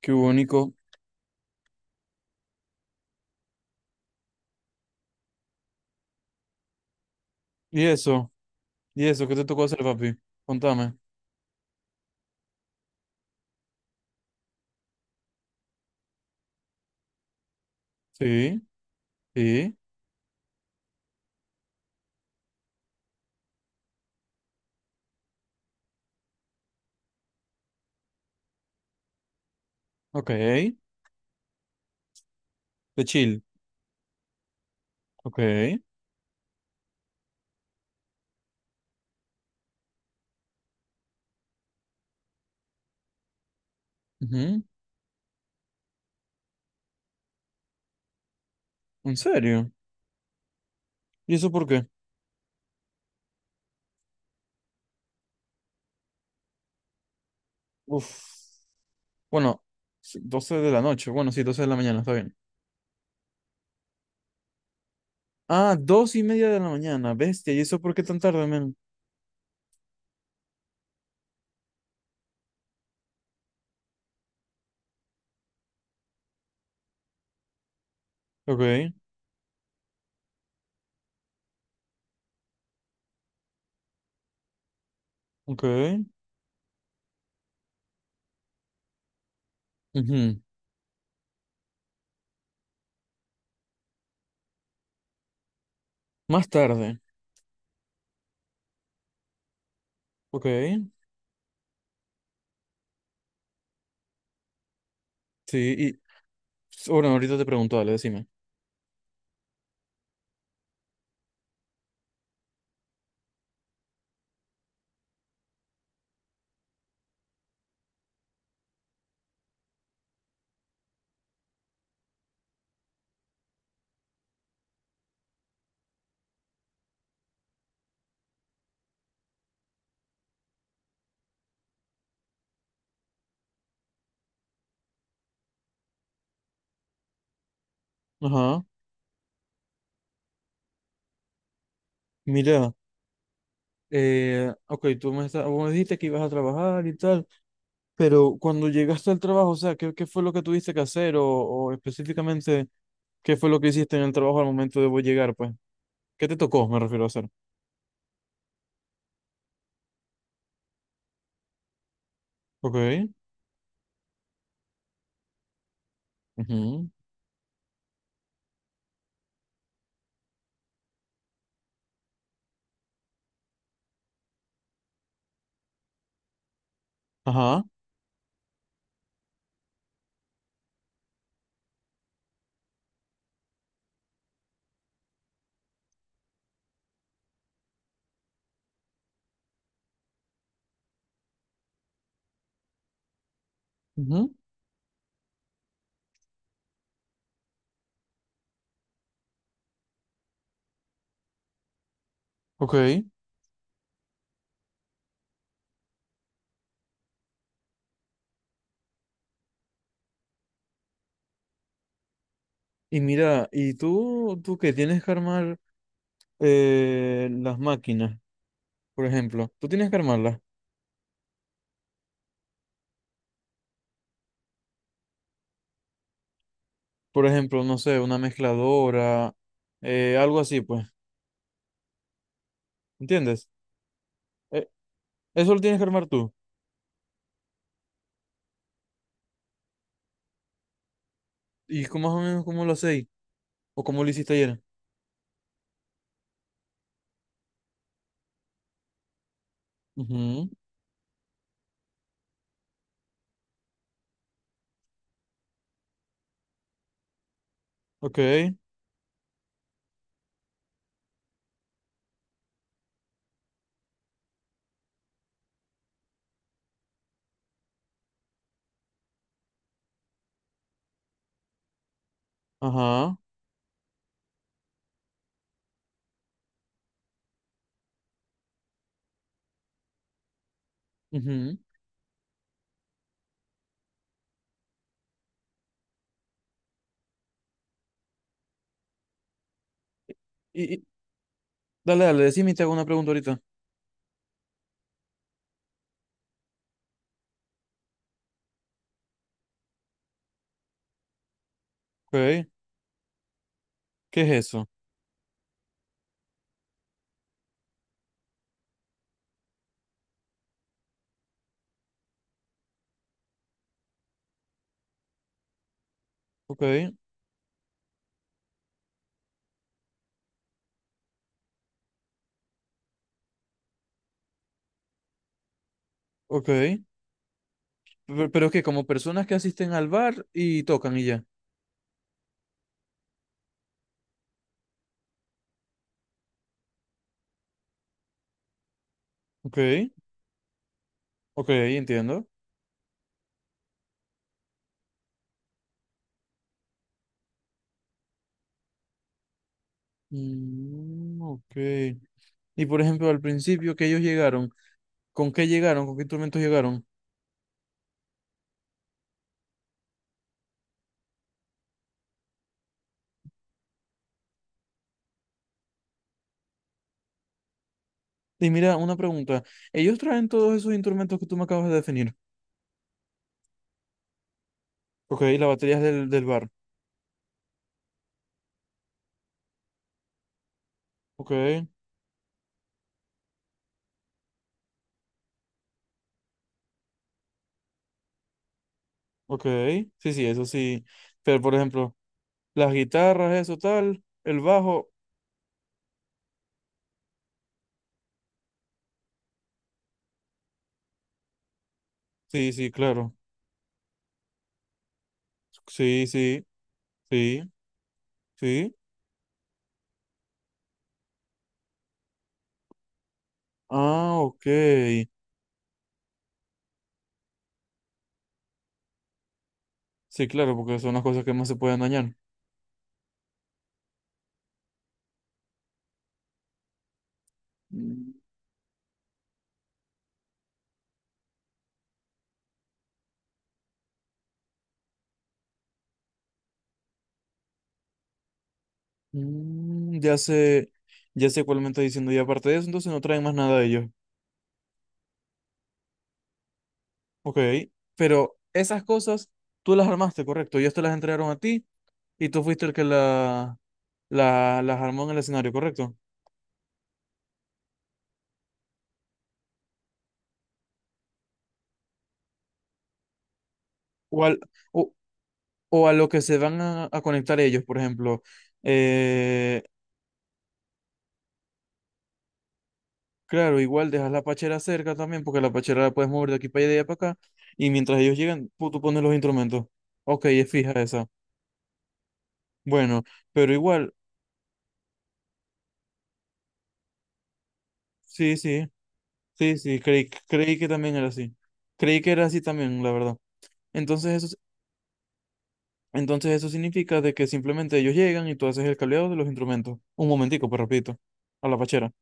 Qué único. ¿Y eso? ¿Y eso? ¿Qué te tocó hacer, papi? Contame. Sí, sí, ok. De chill, ok. Ujú. ¿En serio? ¿Y eso por qué? Uf. Bueno, sí, 12 de la noche. Bueno, sí, 12 de la mañana, está bien. Ah, 2:30 de la mañana, bestia. ¿Y eso por qué tan tarde, men? Ok, ok. Ujú. Más tarde. Ok. Sí, y bueno, ahorita te pregunto, dale, decime. Ajá. Mira, ok, vos me dijiste que ibas a trabajar y tal. Pero cuando llegaste al trabajo, o sea, ¿qué fue lo que tuviste que hacer? O específicamente, ¿qué fue lo que hiciste en el trabajo al momento de vos llegar, pues? ¿Qué te tocó, me refiero a hacer? Ok. Ujú. Ajá. Ujú. Ok. Y mira, ¿y tú qué tienes que armar, las máquinas, por ejemplo? Tú tienes que armarlas. Por ejemplo, no sé, una mezcladora, algo así, pues. ¿Entiendes? Eh, eso lo tienes que armar tú. ¿Y cómo más o menos cómo lo hacéis? ¿O cómo lo hiciste ayer? Ujú. Ok. Ajá. Ujú. Y, y- dale, dale, decime y te hago una pregunta ahorita. Ok. ¿Qué es eso? Ok, ok. Pero es que como personas que asisten al bar y tocan y ya. Ok, ok, entiendo. Mm, ok. Y por ejemplo, al principio que ellos llegaron? ¿Con qué instrumentos llegaron? Y mira, una pregunta. Ellos traen todos esos instrumentos que tú me acabas de definir. Ok, las baterías del bar. Ok, ok. Sí, sí, eso sí. Pero por ejemplo, las guitarras, eso tal. El bajo. Sí, sí, claro. Sí, sí, sí, sí. Ah, ok. Sí, claro, porque son las cosas que más se pueden dañar. Mm, ya sé, ya sé cuál me está diciendo. Y aparte de eso, entonces no traen más nada de ellos. Ok. Pero esas cosas tú las armaste, correcto. Ellos te las entregaron a ti y tú fuiste el que las armó en el escenario, correcto. O, al- o, o a lo que se van a, conectar ellos, por ejemplo. eh, Claro, igual dejas la pachera cerca también, porque la pachera la puedes mover de aquí para allá y de allá para acá. Y mientras ellos llegan, tú pones los instrumentos. Ok, es fija esa. Bueno, pero igual, sí, sí, sí, sí, creí que también era así. Creí que era así también, la verdad. Entonces eso, s- entonces eso significa de que simplemente ellos llegan y tú haces el cableado de los instrumentos. Un momentico, pues repito, a la pachera.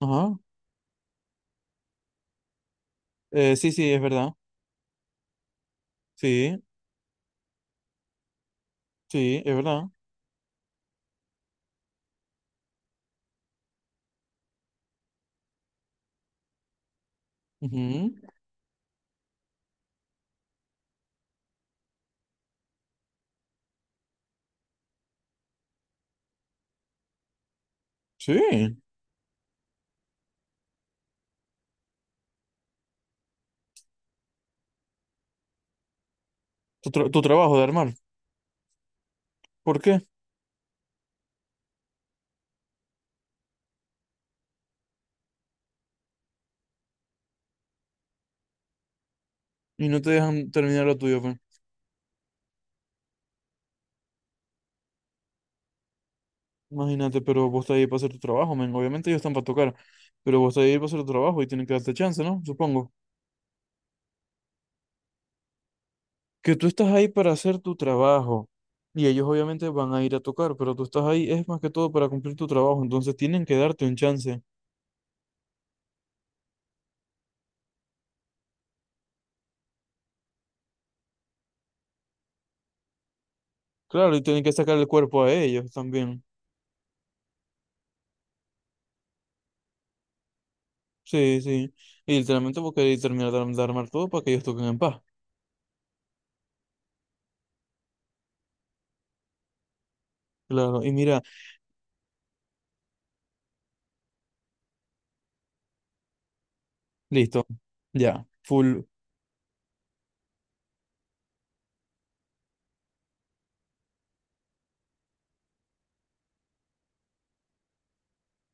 Ajá. Sí, sí, es verdad. Sí, sí, es verdad. Ujú. Sí, tu trabajo de armar. ¿Por qué? Y no te dejan terminar lo tuyo, pues. Imagínate, pero vos estás ahí para hacer tu trabajo, men. Obviamente ellos están para tocar, pero vos estás ahí para hacer tu trabajo y tienen que darte chance, ¿no? Supongo. Que tú estás ahí para hacer tu trabajo y ellos obviamente van a ir a tocar, pero tú estás ahí es más que todo para cumplir tu trabajo, entonces tienen que darte un chance. Claro, y tienen que sacar el cuerpo a ellos también. Sí, sí. Y literalmente vos querés terminar de armar todo para que ellos toquen en paz. Claro, y mira, listo. Ya, full.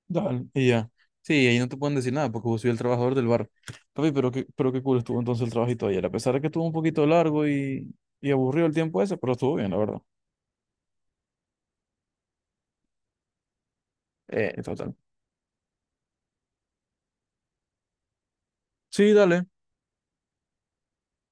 Dale, y ya. Sí, ahí no te pueden decir nada porque vos soy el trabajador del bar. Papi, pero qué cool estuvo entonces el trabajito ayer. A pesar de que estuvo un poquito largo y aburrido el tiempo ese, pero estuvo bien, la verdad. Total. Sí, dale.